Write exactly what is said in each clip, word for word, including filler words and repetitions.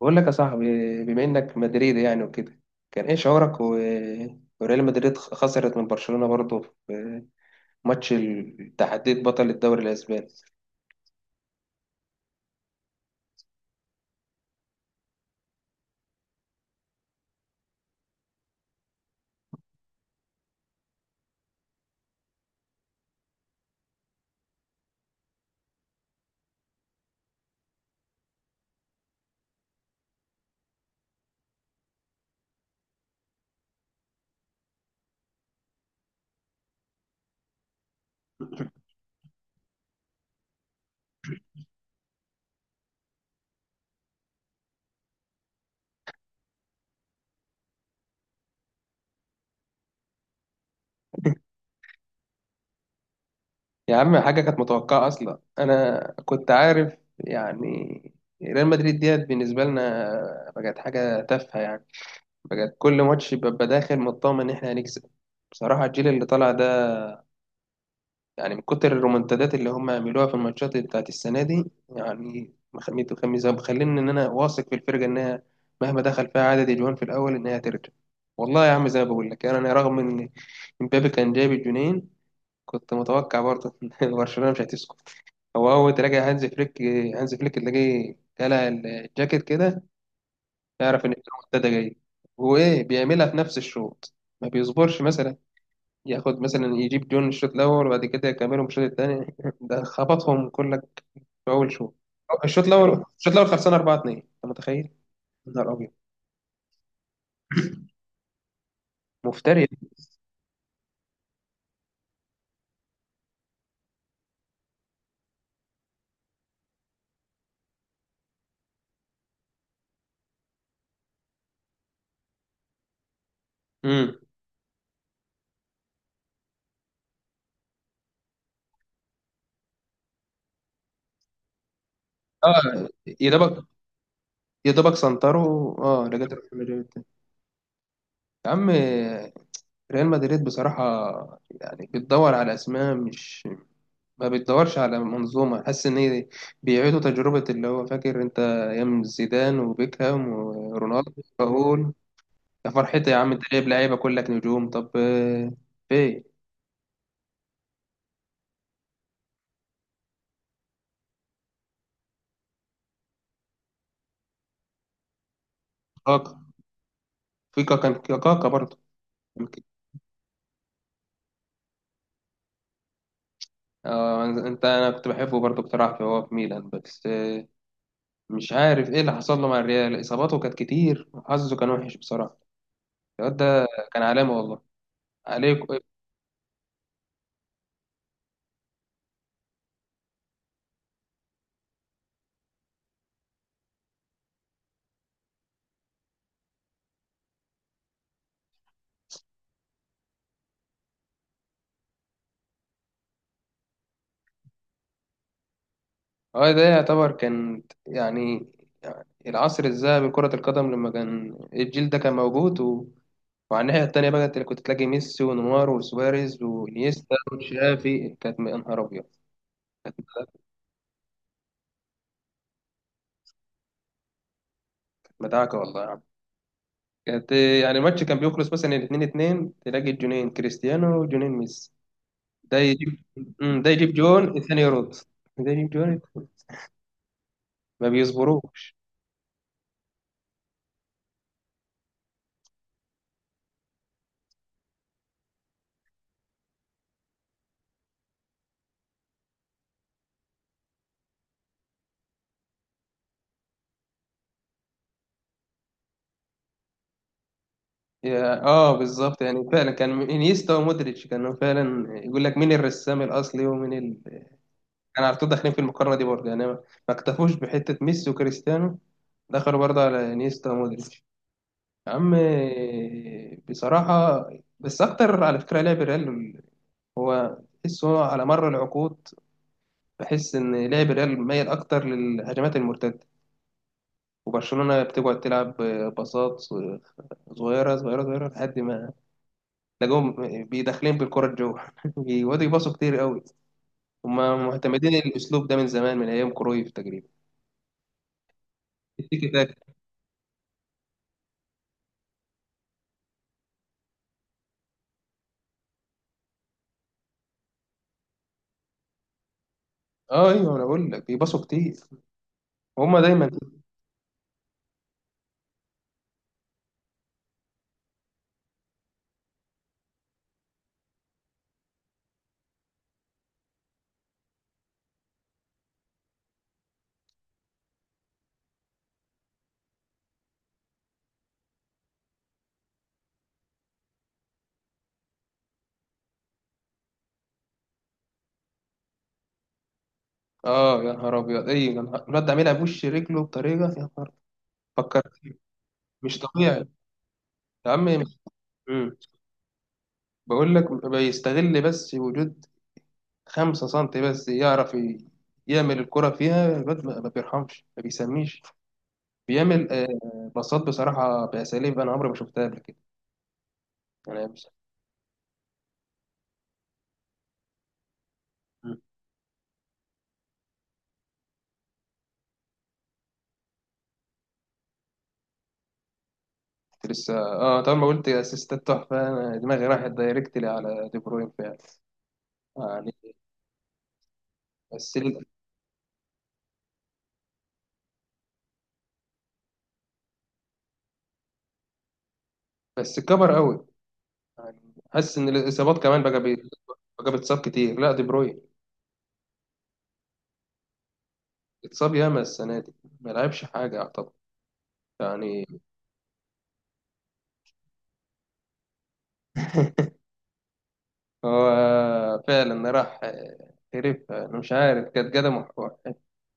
بقول لك يا صاحبي، بما انك مدريدي يعني وكده، كان ايه شعورك و... وريال مدريد خسرت من برشلونة برضه في ماتش ال- تحديد بطل الدوري الاسباني. يا عم حاجة كانت متوقعة اصلا، انا كنت عارف يعني. ريال مدريد ديت بالنسبة لنا بقت حاجة تافهة يعني، بقت كل ماتش ببقى داخل مطمن ان احنا هنكسب. بصراحة الجيل اللي طالع ده يعني من كتر الرومنتادات اللي هم عملوها في الماتشات بتاعت السنة دي، يعني مخميت وخميس مخليني إن أنا واثق في الفرقة إنها مهما دخل فيها عدد الجوان في الأول إنها ترجع. والله يا عم زي ما بقول لك يعني، أنا رغم إن إمبابي كان جايب الجونين، كنت متوقع برضه إن برشلونة مش هتسكت. هو أول تلاقي هانز فليك، هانز فليك تلاقيه قلع الجاكيت كده، يعرف إن الرومنتادا جاية. وإيه بيعملها في نفس الشوط، ما بيصبرش مثلا ياخد مثلا يجيب جون الشوط الاول وبعد كده يكملهم الشوط الثاني. ده خبطهم كلك في اول شوط. الشوط الاول، الشوط الاول خلصان أربعة اتنين، انت متخيل؟ يا نهار ابيض، مفتري. امم. اه، يا دوبك، يا دوبك سنتروا اه لقيت ريال مدريد تاني. يا عم ريال مدريد بصراحه يعني بتدور على اسماء، مش ما بتدورش على منظومه. حاسس ان هي بيعيدوا تجربه اللي هو فاكر انت ايام زيدان وبيكهام ورونالدو وراؤول. يا فرحتي يا عم، انت جايب لعيبه كلك نجوم طب آه، في إيه؟ كاكا، في كاكا كاكا برضه يمكن. آه انت انا كنت بحبه برضه بصراحه، في هو في ميلان بس. آه، مش عارف ايه اللي حصل له مع الريال، اصاباته كانت كتير وحظه كان وحش بصراحه الواد ده. كان علامه والله عليك. اه ده يعتبر كان يعني العصر الذهبي لكرة القدم لما كان الجيل ده كان موجود و... وعلى الناحية التانية بقى انت كنت تلاقي ميسي ونيمار وسواريز وانيستا وتشافي. كانت م- يا نهار أبيض. مدعكة والله يا عم. كانت يعني الماتش كان بيخلص مثلا اتنين اتنين، تلاقي الجونين كريستيانو وجونين ميسي. ده يجيب، أمم، ده يجيب جون الثاني يرد، ده يجيب جون التاني. ما بيصبروش. يا- اه بالظبط، يعني فعلا كان انيستا ومودريتش كانوا فعلا يقول لك مين الرسام الاصلي ومين ال... كان على طول داخلين في المقارنه دي برضه، يعني ما ما اكتفوش بحته ميسي وكريستيانو، دخلوا برضه على انيستا ومودريتش. يا عم بصراحه، بس اكتر على فكره لعب الريال، هو تحس هو على مر العقود بحس إن لعب الريال ميل أكتر للهجمات المرتدة. وبرشلونة بتقعد تلعب باصات صغيرة صغيرة صغيرة لحد ما تلاقيهم بيدخلين بالكرة الجو. بيقعدوا يباصوا كتير قوي، هما معتمدين الأسلوب ده من زمان من أيام كرويف تقريبا. التيكي تاكا. اه ايوه، انا بقول لك بيباصوا كتير، هما دايما. اه يا نهار ابيض، اي يا نهار، الواد ده عاملها بوش رجله بطريقه. يا نهار، فكرت مش طبيعي. يا عم مم. بقول لك بيستغل بس وجود خمسة سنتي، بس يعرف ي- يعمل الكرة فيها. الواد ما ما بيرحمش، ما بيسميش، بيعمل آه، باصات بصراحة بأساليب أنا عمري ما شفتها قبل كده. أنا بس- مم. كنت لسه اه طبعا، ما قلت اسيستات تحفة أنا دماغي راحت دايركتلي على دي بروين فعلا يعني. بس بس كبر قوي يعني، حاسس إن الإصابات كمان بقى بي... بقى بيتصاب كتير. لا دي بروين اتصاب ياما السنة دي، ما لعبش حاجة يعتبر يعني. هو فعلا راح، هرب. أنا مش عارف كانت قدمه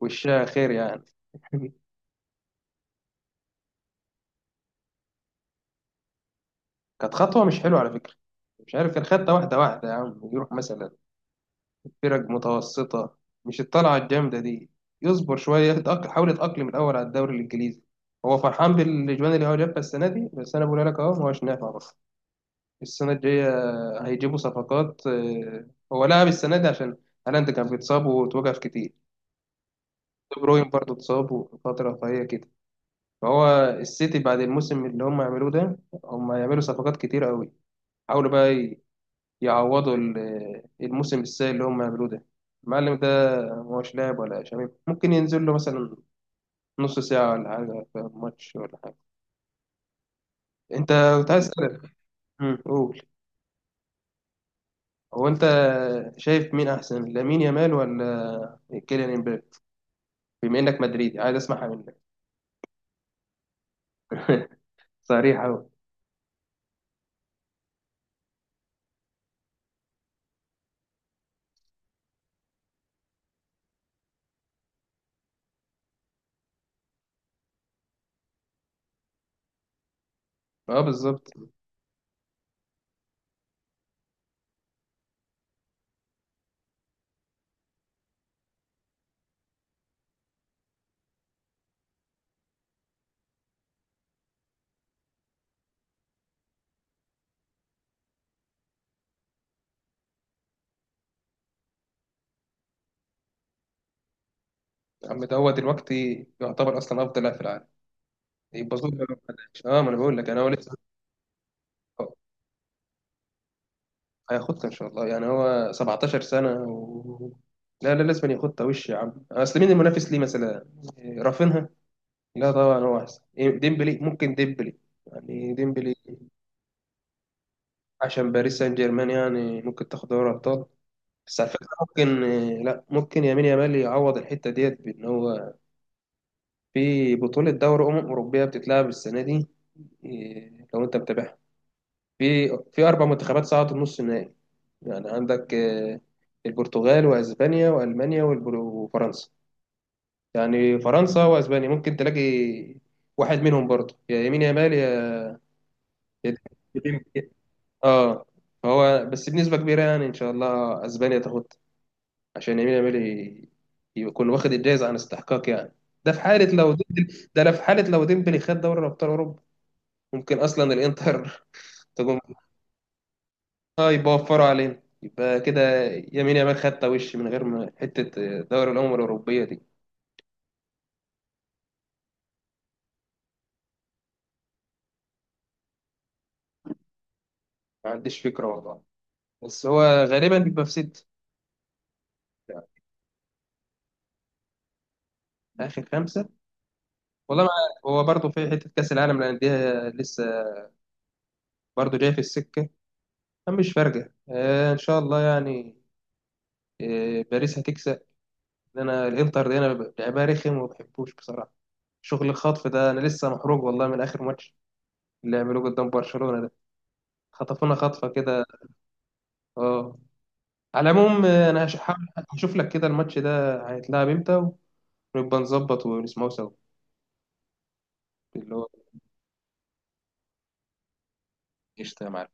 وشها خير يعني. كانت خطوة مش حلوة على فكرة. مش عارف، كان خدها واحدة واحدة يا عم، يروح مثلا فرق متوسطة، مش الطلعة الجامدة دي. يصبر شوية يتأقلم، حاول يتأقلم الأول على الدوري الإنجليزي. هو فرحان بالإجوان اللي هو جابها السنة دي، بس أنا بقول لك أهو ما هوش نافع برضه. السنة الجاية هيجيبوا صفقات. آه، هو لعب السنة دي عشان هالاند كان بيتصاب وتوقف كتير. دي بروين برضه اتصاب وفترة فهي كده. فهو السيتي بعد الموسم اللي هم يعملوه ده، هم يعملوا صفقات كتير قوي، حاولوا بقى ي- يعوضوا ال- الموسم السيء اللي هم يعملوه ده. المعلم ده مش لاعب ولا شباب، ممكن ينزل له مثلا نص ساعة ولا حاجة في ماتش ولا حاجة. انت، كنت عايز اسألك. أمم، قول. هو انت شايف مين احسن، لامين يامال ولا كيليان امبابي؟ بما انك مدريدي عايز اسمعها منك. صريح قوي. اه بالظبط. يا عم دوت الوقت يعتبر اصلا افضل لاعب في العالم، يبسطوا له لو ما لعبش. اه ما انا بقول لك انا، هو لسه هياخدها ان شاء الله يعني، هو سبعتاشر سنه و... لا لا، لازم ياخدها وش يا عم. اصل مين المنافس ليه؟ مثلا إيه، رافينها؟ لا طبعا هو احسن. إيه، ديمبلي ممكن، ديمبلي يعني، ديمبلي عشان باريس سان جيرمان، يعني ممكن تاخد دوري ابطال. بس على فكره ممكن إيه، لا، ممكن يمين يامال يعوض الحته ديت بان هو في بطوله دوري امم اوروبيه بتتلعب السنه دي. إيه، لو انت متابعها، في في اربع منتخبات صعدت نص النهائي. يعني عندك آه، البرتغال واسبانيا والمانيا والبر- وفرنسا. يعني فرنسا واسبانيا، ممكن تلاقي واحد منهم برضه، يا يمين يا يامال يا يا ديمبلي. اه، هو بس بنسبة كبيرة يعني، ان شاء الله اسبانيا تاخد، عشان يمين يامال ي- يكون واخد الجايزة عن استحقاق يعني. ده في حالة لو ديمبلي ده، لا في حالة لو ديمبلي خد دوري ابطال اوروبا. ممكن اصلا الانتر تقوم. اه يبقى وفروا علينا، يبقى كده يمين يامال خدت وش من غير ما حتة دوري الأمم الأوروبية دي. ما عنديش فكرة والله، بس هو غالبا بيبقى في ست. آخر خمسة. والله ما عارف. هو برضه في حتة كأس العالم للأندية لسه برضه جاي في السكة. مش فارقة، آه إن شاء الله يعني، آه باريس هتكسب. لأن أنا الإنتر دي أنا ب- لعبها رخم وما بحبوش بصراحة. شغل الخطف ده أنا لسه محروق والله من آخر ماتش اللي عملوه قدام برشلونة ده، خطفونا خطفة كده. اه، على العموم آه، انا هش- هحاول- هشوف لك كده الماتش ده هيتلعب امتى، ونبقى نظبط ونسمعه سوا اللي هو. قشطة يا معلم.